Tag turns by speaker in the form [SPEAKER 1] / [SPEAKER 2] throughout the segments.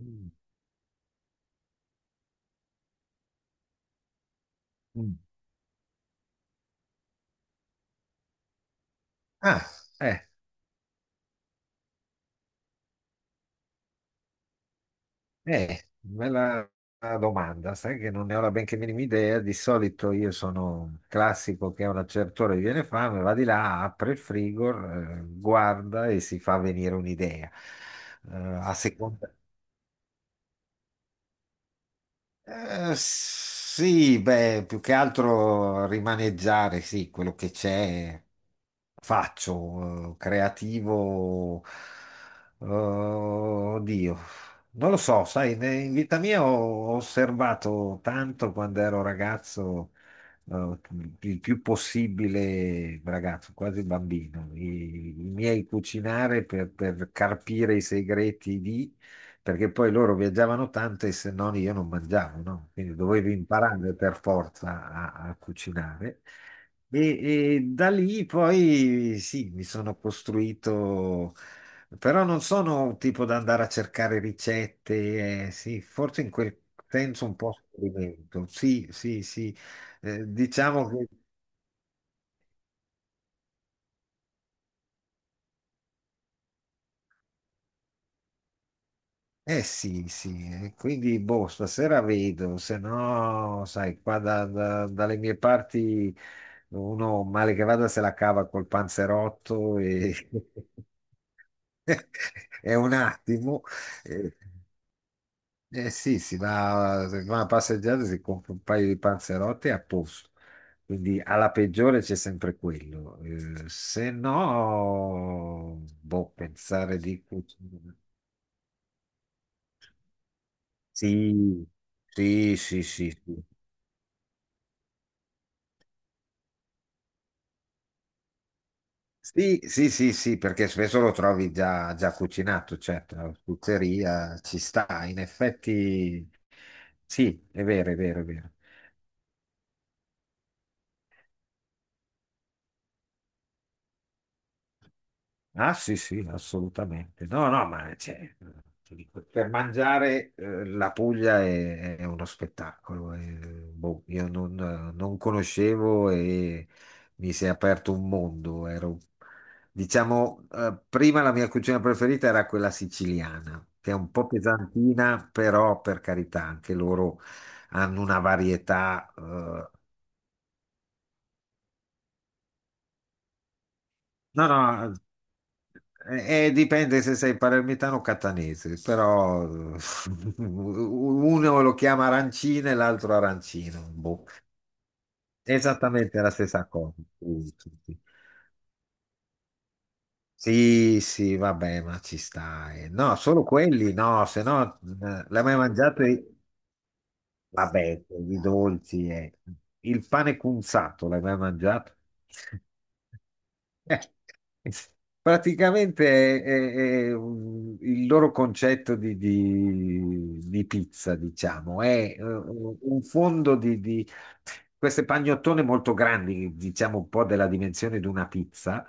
[SPEAKER 1] Mm, mm. Ah, eh, bella domanda. Sai che non ne ho la benché minima idea. Di solito io sono un classico che a una certa ora gli viene fame, va di là, apre il frigo, guarda e si fa venire un'idea. Eh, A seconda. Sì, beh, più che altro rimaneggiare, sì, quello che c'è. Faccio, creativo, oddio, non lo so, sai, in vita mia ho osservato tanto quando ero ragazzo, eh, il più possibile ragazzo, quasi bambino, i miei cucinare per carpire i segreti di perché poi loro viaggiavano tanto e se no io non mangiavo, no? Quindi dovevo imparare per forza a cucinare. E da lì poi sì, mi sono costruito, però non sono tipo da andare a cercare ricette, sì, forse in quel senso un po' sperimento. Sì, sì, sì. Diciamo che eh sì, sì, quindi boh, stasera vedo, se no, sai, qua dalle mie parti uno male che vada se la cava col panzerotto e è un attimo. Eh, eh sì, si va a passeggiare, si compra un paio di panzerotti e a posto. Quindi alla peggiore c'è sempre quello. Se no, boh, pensare di cucina. Sì, sì, sì, sì, sì. Sì, sì, sì, sì, perché spesso lo trovi già, già cucinato, certo, la pizzeria ci sta, in effetti sì, è vero, è vero, è vero. Ah sì, sì, assolutamente. No, no, ma cioè, ti dico, per mangiare la Puglia è uno spettacolo. Boh, io non, non conoscevo e mi si è aperto un mondo. Ero, diciamo, prima la mia cucina preferita era quella siciliana, che è un po' pesantina, però per carità, anche loro hanno una varietà. No, no. Dipende se sei palermitano o catanese, però uno lo chiama arancina e l'altro arancino. Boh. Esattamente la stessa cosa. Sì, sì, sì, sì, sì, vabbè, ma ci stai. No, solo quelli, no, se no l'hai mai mangiato? Vabbè, i dolci. Il pane cunzato, l'hai mai mangiato? Eh, Praticamente è, è il loro concetto di, di pizza, diciamo, è un fondo di queste pagnottone molto grandi, diciamo un po' della dimensione di una pizza,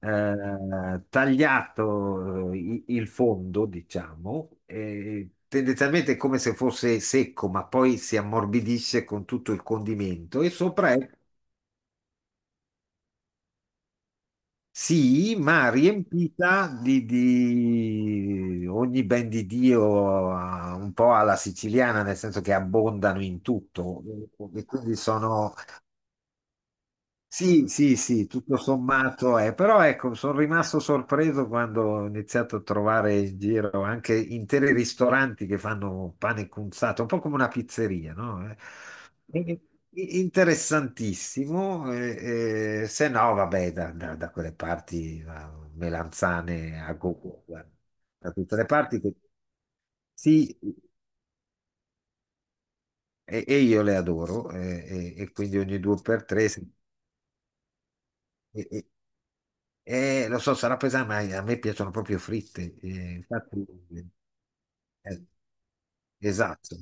[SPEAKER 1] tagliato il fondo, diciamo, e tendenzialmente è come se fosse secco, ma poi si ammorbidisce con tutto il condimento e sopra è sì, ma riempita di ogni ben di Dio, un po' alla siciliana, nel senso che abbondano in tutto e quindi sono sì, sì, sì, tutto sommato è, però ecco, sono rimasto sorpreso quando ho iniziato a trovare in giro anche interi ristoranti che fanno pane cunzato, un po' come una pizzeria, no? E- interessantissimo, se no, vabbè, da quelle parti, a melanzane a go da tutte le parti che sì, e io le adoro, e quindi ogni due per tre. Lo so, sarà pesante, ma a me piacciono proprio fritte. Infatti, eh, esatto,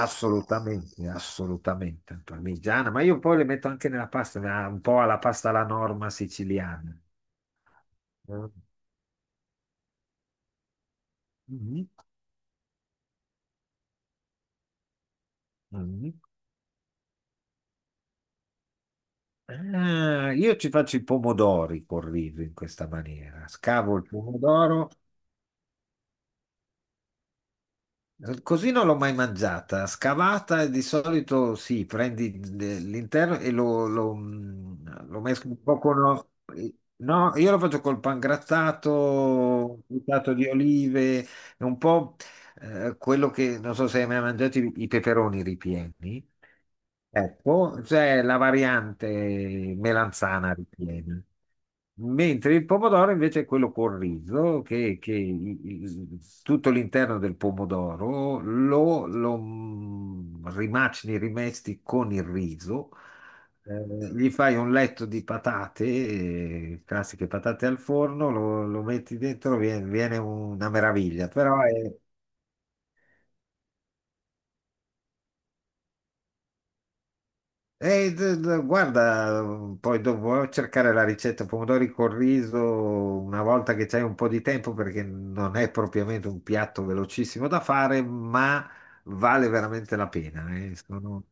[SPEAKER 1] assolutamente, assolutamente. Parmigiana, ma io poi le metto anche nella pasta, ma un po' alla pasta alla norma siciliana. Eh, mhm, mhm. Ah, io ci faccio i pomodori col riso in questa maniera. Scavo il pomodoro, così non l'ho mai mangiata. Scavata di solito sì, prendi l'interno e lo, lo, lo mescoli un po' con... No, io lo faccio col pangrattato, buttato di olive, e un po' quello che non so se hai mai mangiato i peperoni ripieni. Ecco, c'è la variante melanzana ripiena, mentre il pomodoro invece è quello col riso, che tutto l'interno del pomodoro lo, rimacini, rimesti con il riso, gli fai un letto di patate, classiche patate al forno, lo, lo metti dentro, viene, viene una meraviglia, però è, e, guarda, poi dovrò cercare la ricetta pomodori col riso una volta che c'hai un po' di tempo perché non è propriamente un piatto velocissimo da fare, ma vale veramente la pena. Sono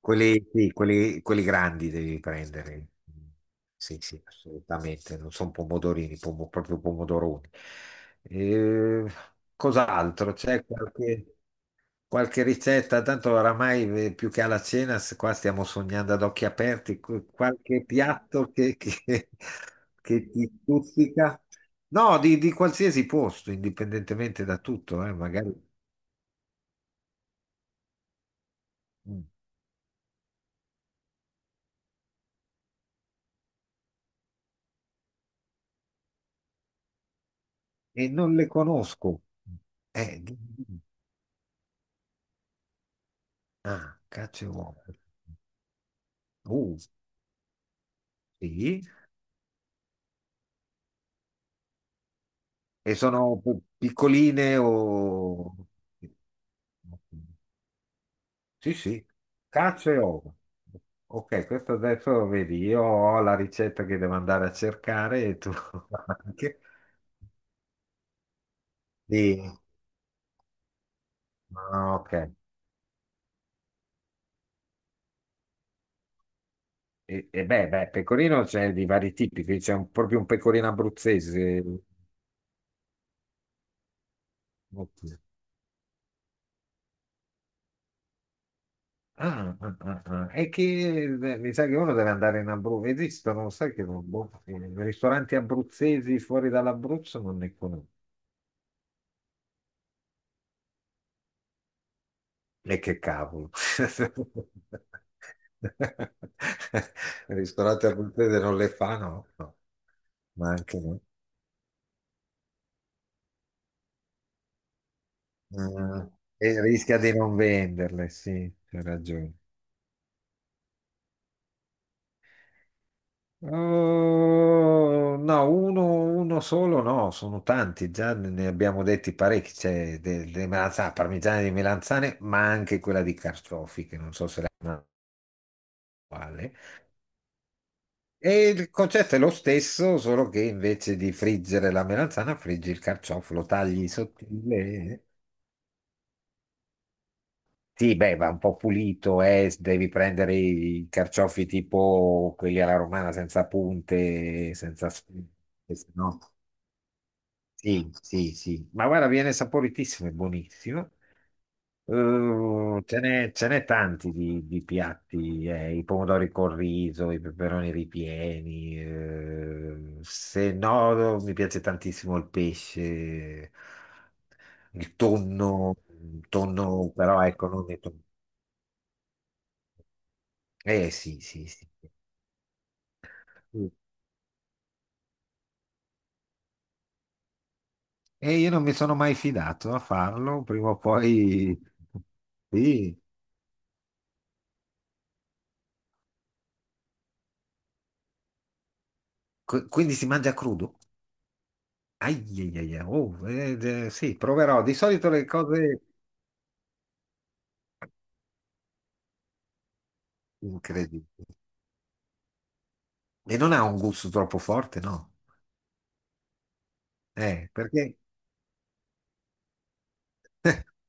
[SPEAKER 1] quelli, sì, quelli, quelli grandi devi prendere. Sì, sì, assolutamente. Non sono pomodorini, proprio pomodoroni. Eh, Cos'altro? C'è qualche... Qualche ricetta, tanto oramai più che alla cena, qua stiamo sognando ad occhi aperti, qualche piatto che, che ti stuzzica. No, di qualsiasi posto, indipendentemente da tutto, magari. Mm. E non le conosco. Eh, di- di- ah, caccia e uova. Uh, sì. E sono piccoline o... Sì, sì, cacio e uovo. Ok, questo adesso vedi, io ho la ricetta che devo andare a cercare e tu anche. Di- ah, ok, beh, pecorino c'è di vari tipi, qui c'è proprio un pecorino abruzzese. Ok. Ah, ah, ah, ah. E che mi sa che uno deve andare in Abruzzo, esistono, sai che non- boh, ristoranti abruzzesi fuori dall'Abruzzo non ne conosco. E che cavolo. Ristorante a puttane non le fa, no? No, ma anche no. Ah, e rischia di non venderle, sì, c'è ragione. Oh, no, uno solo no, sono tanti, già ne abbiamo detti parecchi, c'è delle melanzane, parmigiane di melanzane, ma anche quella di carciofi, che non so se la quale. E il concetto è lo stesso, solo che invece di friggere la melanzana, friggi il carciofo, lo tagli sottile. Sì, beh, va un po' pulito, devi prendere i carciofi tipo quelli alla romana, senza punte, senza... se no- Sì, sì, sì. Ma guarda, viene saporitissimo e buonissimo. Ce n'è tanti di piatti, i pomodori col riso, i peperoni ripieni. Se no, mi piace tantissimo il pesce, il tonno, il tonno, però ecco, non detto. Eh sì, sì, sì. E io non mi sono mai fidato a farlo, prima o poi. Sì. Qu- Quindi si mangia crudo? Ai, ai, ai, ai. Oh, sì, proverò. Di solito le cose. Incredibile. E non ha un gusto troppo forte, no? Perché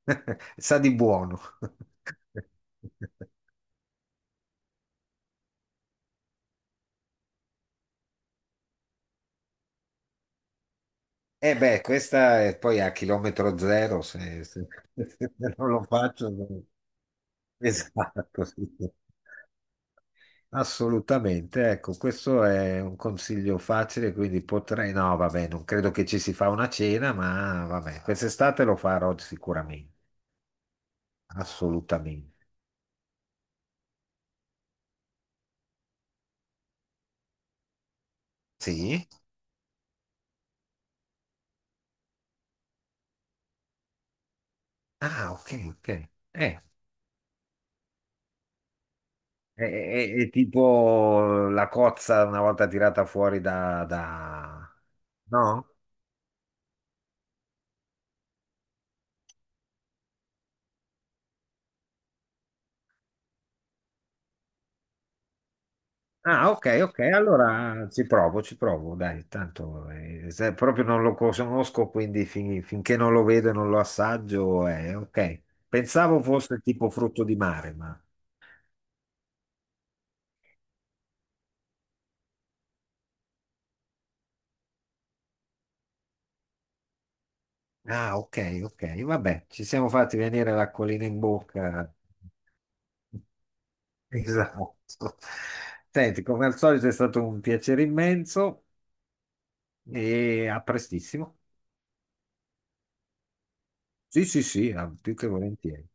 [SPEAKER 1] sa di buono. Eh beh, questa è poi a chilometro zero, se- se non lo faccio. Non- Esatto, sì. sì. Assolutamente, ecco, questo è un consiglio facile, quindi potrei... No, vabbè, non credo che ci si fa una cena, ma vabbè, quest'estate lo farò sicuramente, assolutamente. Sì? Ah, ok, ok. È, è tipo la cozza una volta tirata fuori da- No? Ah, ok, ok, allora ci provo, dai, tanto se proprio non lo conosco, quindi finché non lo vedo e non lo assaggio, ok. Pensavo fosse tipo frutto di mare, ma... Ah, ok, ok, vabbè, ci siamo fatti venire l'acquolina in bocca. Esatto. Senti, come al solito è stato un piacere immenso e a prestissimo. Sì, sì, sì, ah, più che volentieri.